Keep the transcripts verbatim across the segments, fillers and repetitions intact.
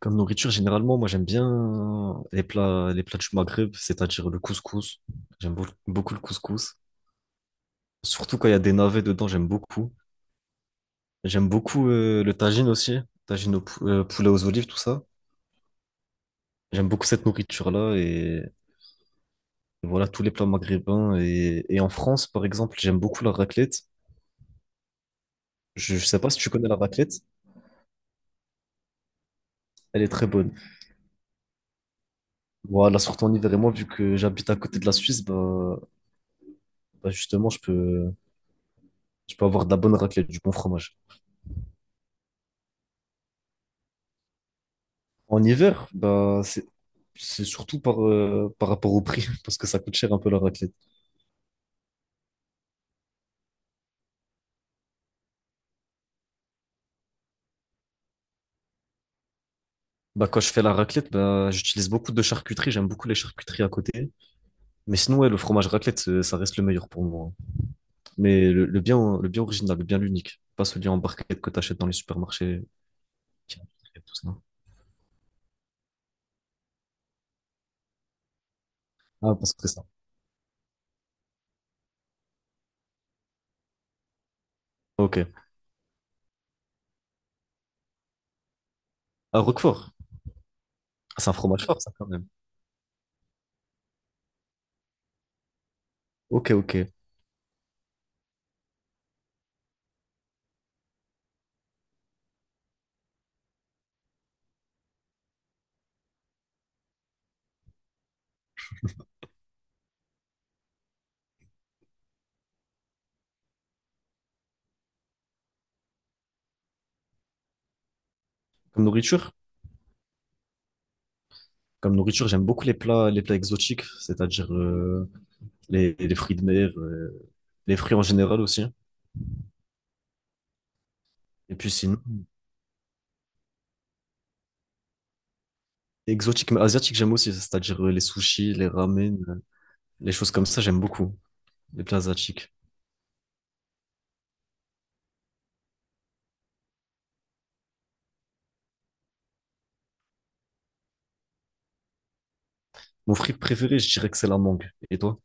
Comme nourriture, généralement, moi j'aime bien les plats, les plats du Maghreb, c'est-à-dire le couscous. J'aime beau- beaucoup le couscous. Surtout quand il y a des navets dedans, j'aime beaucoup. J'aime beaucoup euh, le tagine aussi, tagine au pou- euh, poulet aux olives, tout ça. J'aime beaucoup cette nourriture-là et voilà tous les plats maghrébins. Et, et en France, par exemple, j'aime beaucoup la raclette. Je, je sais pas si tu connais la raclette, elle est très bonne. Voilà, surtout en hiver et moi, vu que j'habite à côté de la Suisse, bah, bah justement, je peux, je peux avoir de la bonne raclette, du bon fromage. En hiver, bah, c'est c'est surtout par, euh, par rapport au prix, parce que ça coûte cher un peu la raclette. Bah, quand je fais la raclette, bah, j'utilise beaucoup de charcuterie, j'aime beaucoup les charcuteries à côté. Mais sinon, ouais, le fromage raclette, c'est- ça reste le meilleur pour moi. Mais le, le bien, le bien original, le bien l'unique, pas celui en barquette que t'achètes dans les supermarchés. Qui a et tout ça. Ah, parce que ça. Ok. À Roquefort, c'est un fromage fort, ça, quand même. Ok, ok. Comme nourriture? Comme nourriture, j'aime beaucoup les plats, les plats exotiques, c'est-à-dire euh, les, les fruits de mer, euh, les fruits en général aussi, hein. Et puis sinon, exotique, mais asiatique, j'aime aussi, c'est-à-dire euh, les sushis, les ramen, euh, les choses comme ça, j'aime beaucoup, les plats asiatiques. Mon fruit préféré, je dirais que c'est la mangue. Et toi?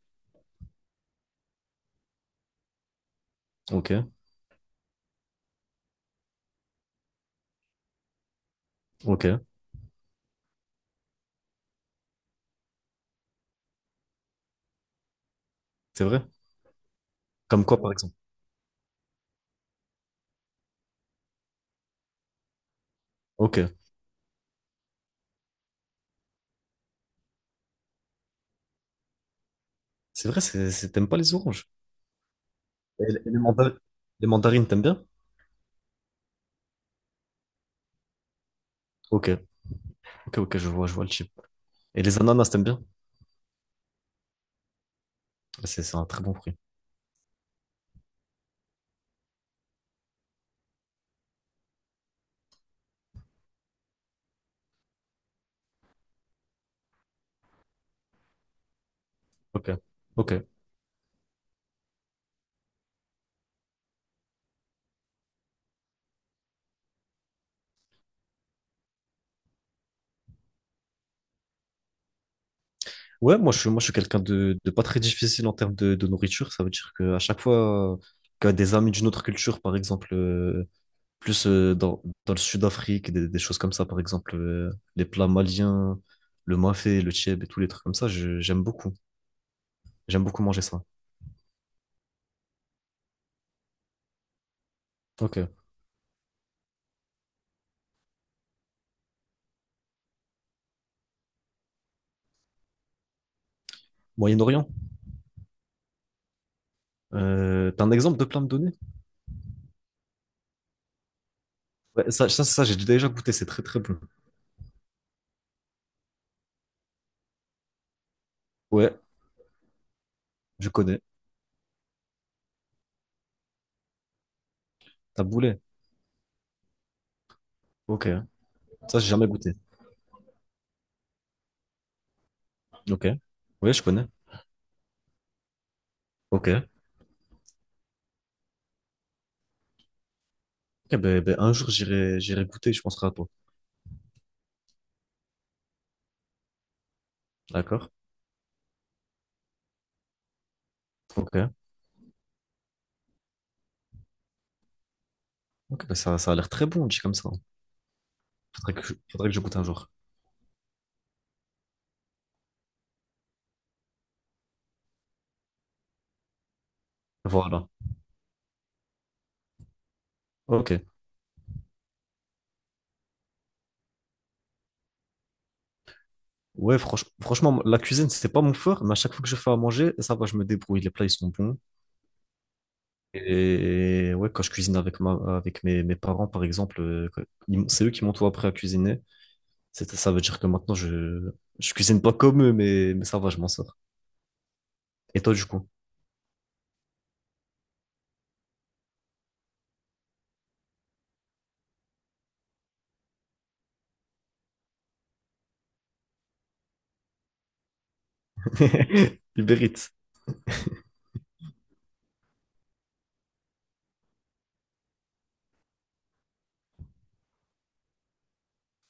Ok, ok, c'est vrai. Comme quoi, par exemple? Ok, c'est vrai, c'est, c'est- t'aimes pas les oranges. Et les, les manda- les mandarines, t'aimes bien? Ok, ok, ok, je vois, je vois le chip. Et les ananas, t'aimes bien? C'est c'est un très bon fruit. Ok, ok. Ouais, moi je suis, moi, je suis quelqu'un de, de pas très difficile en termes de, de nourriture. Ça veut dire qu'à chaque fois euh, que des amis d'une autre culture, par exemple, euh, plus euh, dans, dans le Sud-Afrique, des, des choses comme ça, par exemple, euh, les plats maliens, le mafé, le tchèb et tous les trucs comme ça, je- j'aime beaucoup. J'aime beaucoup manger ça. Ok. Moyen-Orient, euh, t'as un exemple de plat à me donner? Ouais, ça, ça, ça, j'ai déjà goûté, c'est très très bon. Ouais, je connais. Taboulé. Ok. Ça, j'ai jamais goûté. Ok. Ouais, je connais. Ok. Eh ben, ben, un jour, j'irai, j'irai goûter, je penserai à toi. D'accord? Ok. Ok, ben, ça, ça a l'air très bon, dit comme ça. Faudrait que, je- faudrait que je goûte un jour. Voilà. Ok. Ouais, franch- franchement, la cuisine, c'est pas mon fort, mais à chaque fois que je fais à manger, ça va, je me débrouille. Les plats, ils sont bons. Et ouais, quand je cuisine avec ma, avec mes, mes parents, par exemple, euh, que- ils m- c'est eux qui m'ont tout appris à cuisiner. C'est- Ça veut dire que maintenant, je, je cuisine pas comme eux, mais, mais ça va, je m'en sors. Et toi, du coup? Il mérite.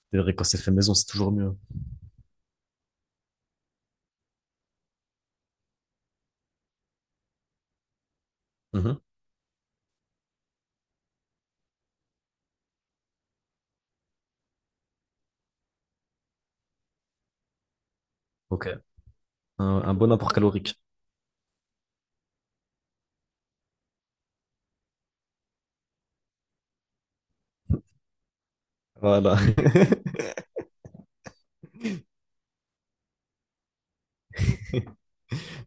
C'est vrai, quand c'est fait maison, c'est toujours mieux. Mhm. Ok. Un, un bon apport calorique. Voilà.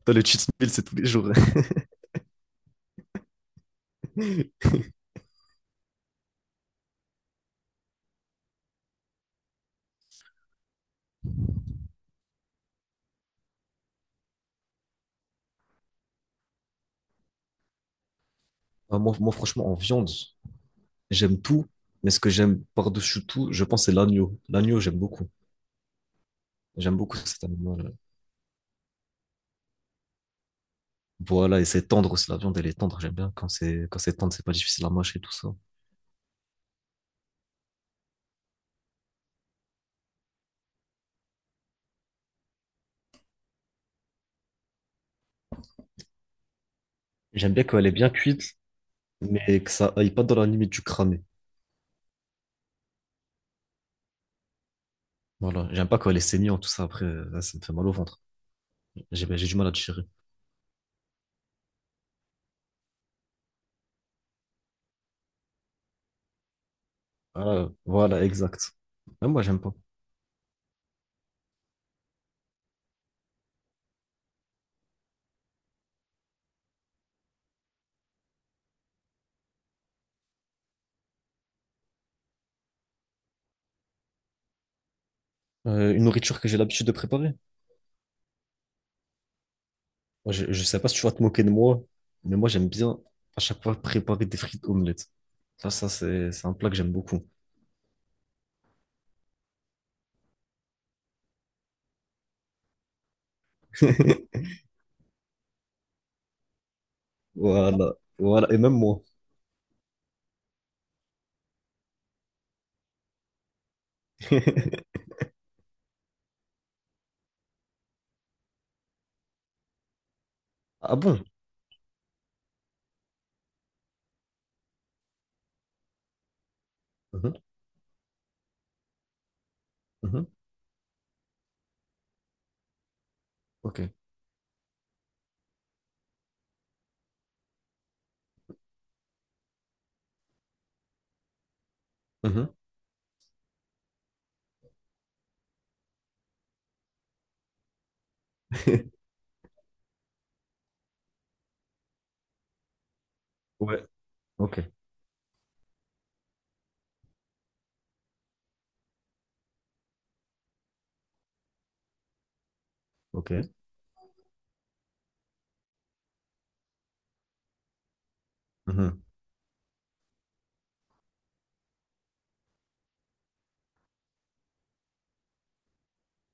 Toi, le cheat meal, c'est tous les jours. Ah, moi, moi, franchement, en viande, j'aime tout, mais ce que j'aime par-dessus tout, je pense, c'est l'agneau. L'agneau, j'aime beaucoup. J'aime beaucoup cet animal. Voilà, et c'est tendre aussi. La viande, elle est tendre. J'aime bien quand c'est quand c'est tendre, c'est pas difficile à mâcher et tout ça. J'aime bien quand elle est bien cuite, mais que ça aille pas dans la limite du cramé. Voilà, j'aime pas quand elle est saignante, tout ça. Après, euh, là, ça me fait mal au ventre. J'ai ben, j'ai du mal à digérer. Voilà, voilà, exact. Même moi, j'aime pas. Euh, une nourriture que j'ai l'habitude de préparer. Moi, je, je sais pas si tu vas te moquer de moi, mais moi, j'aime bien à chaque fois préparer des frites omelettes. Ça, ça, c'est, c'est un plat que j'aime beaucoup. Voilà, voilà, et même moi. Ah bon? Mhm, mhm, ok, mhm. Ouais, ok, ok, mhm.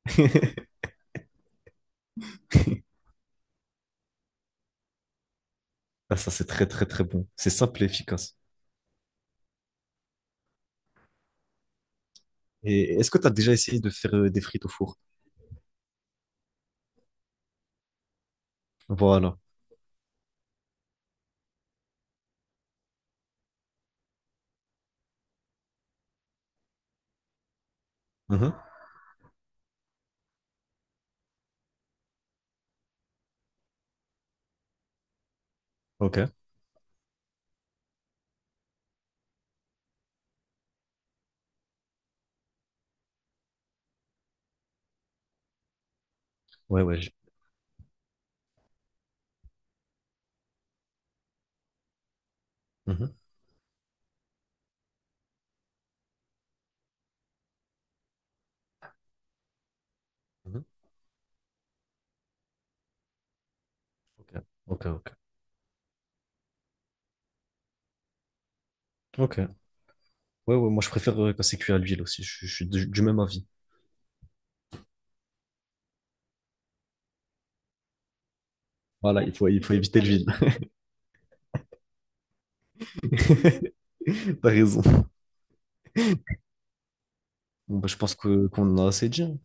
Ah, ça, c'est très, très, très bon. C'est simple et efficace. Et est-ce que tu as déjà essayé de faire euh, des frites au four? Voilà. Mhm, ok. Ouais, ouais, je- mhm, mhm, ok, ok, ok. Ok. Ouais, ouais, moi je préfère euh, quand c'est cuit à l'huile aussi. Je, je suis du, du même avis. Voilà, il faut, il faut éviter l'huile. T'as raison. Bon, bah, je pense que qu'on en a assez dit, hein.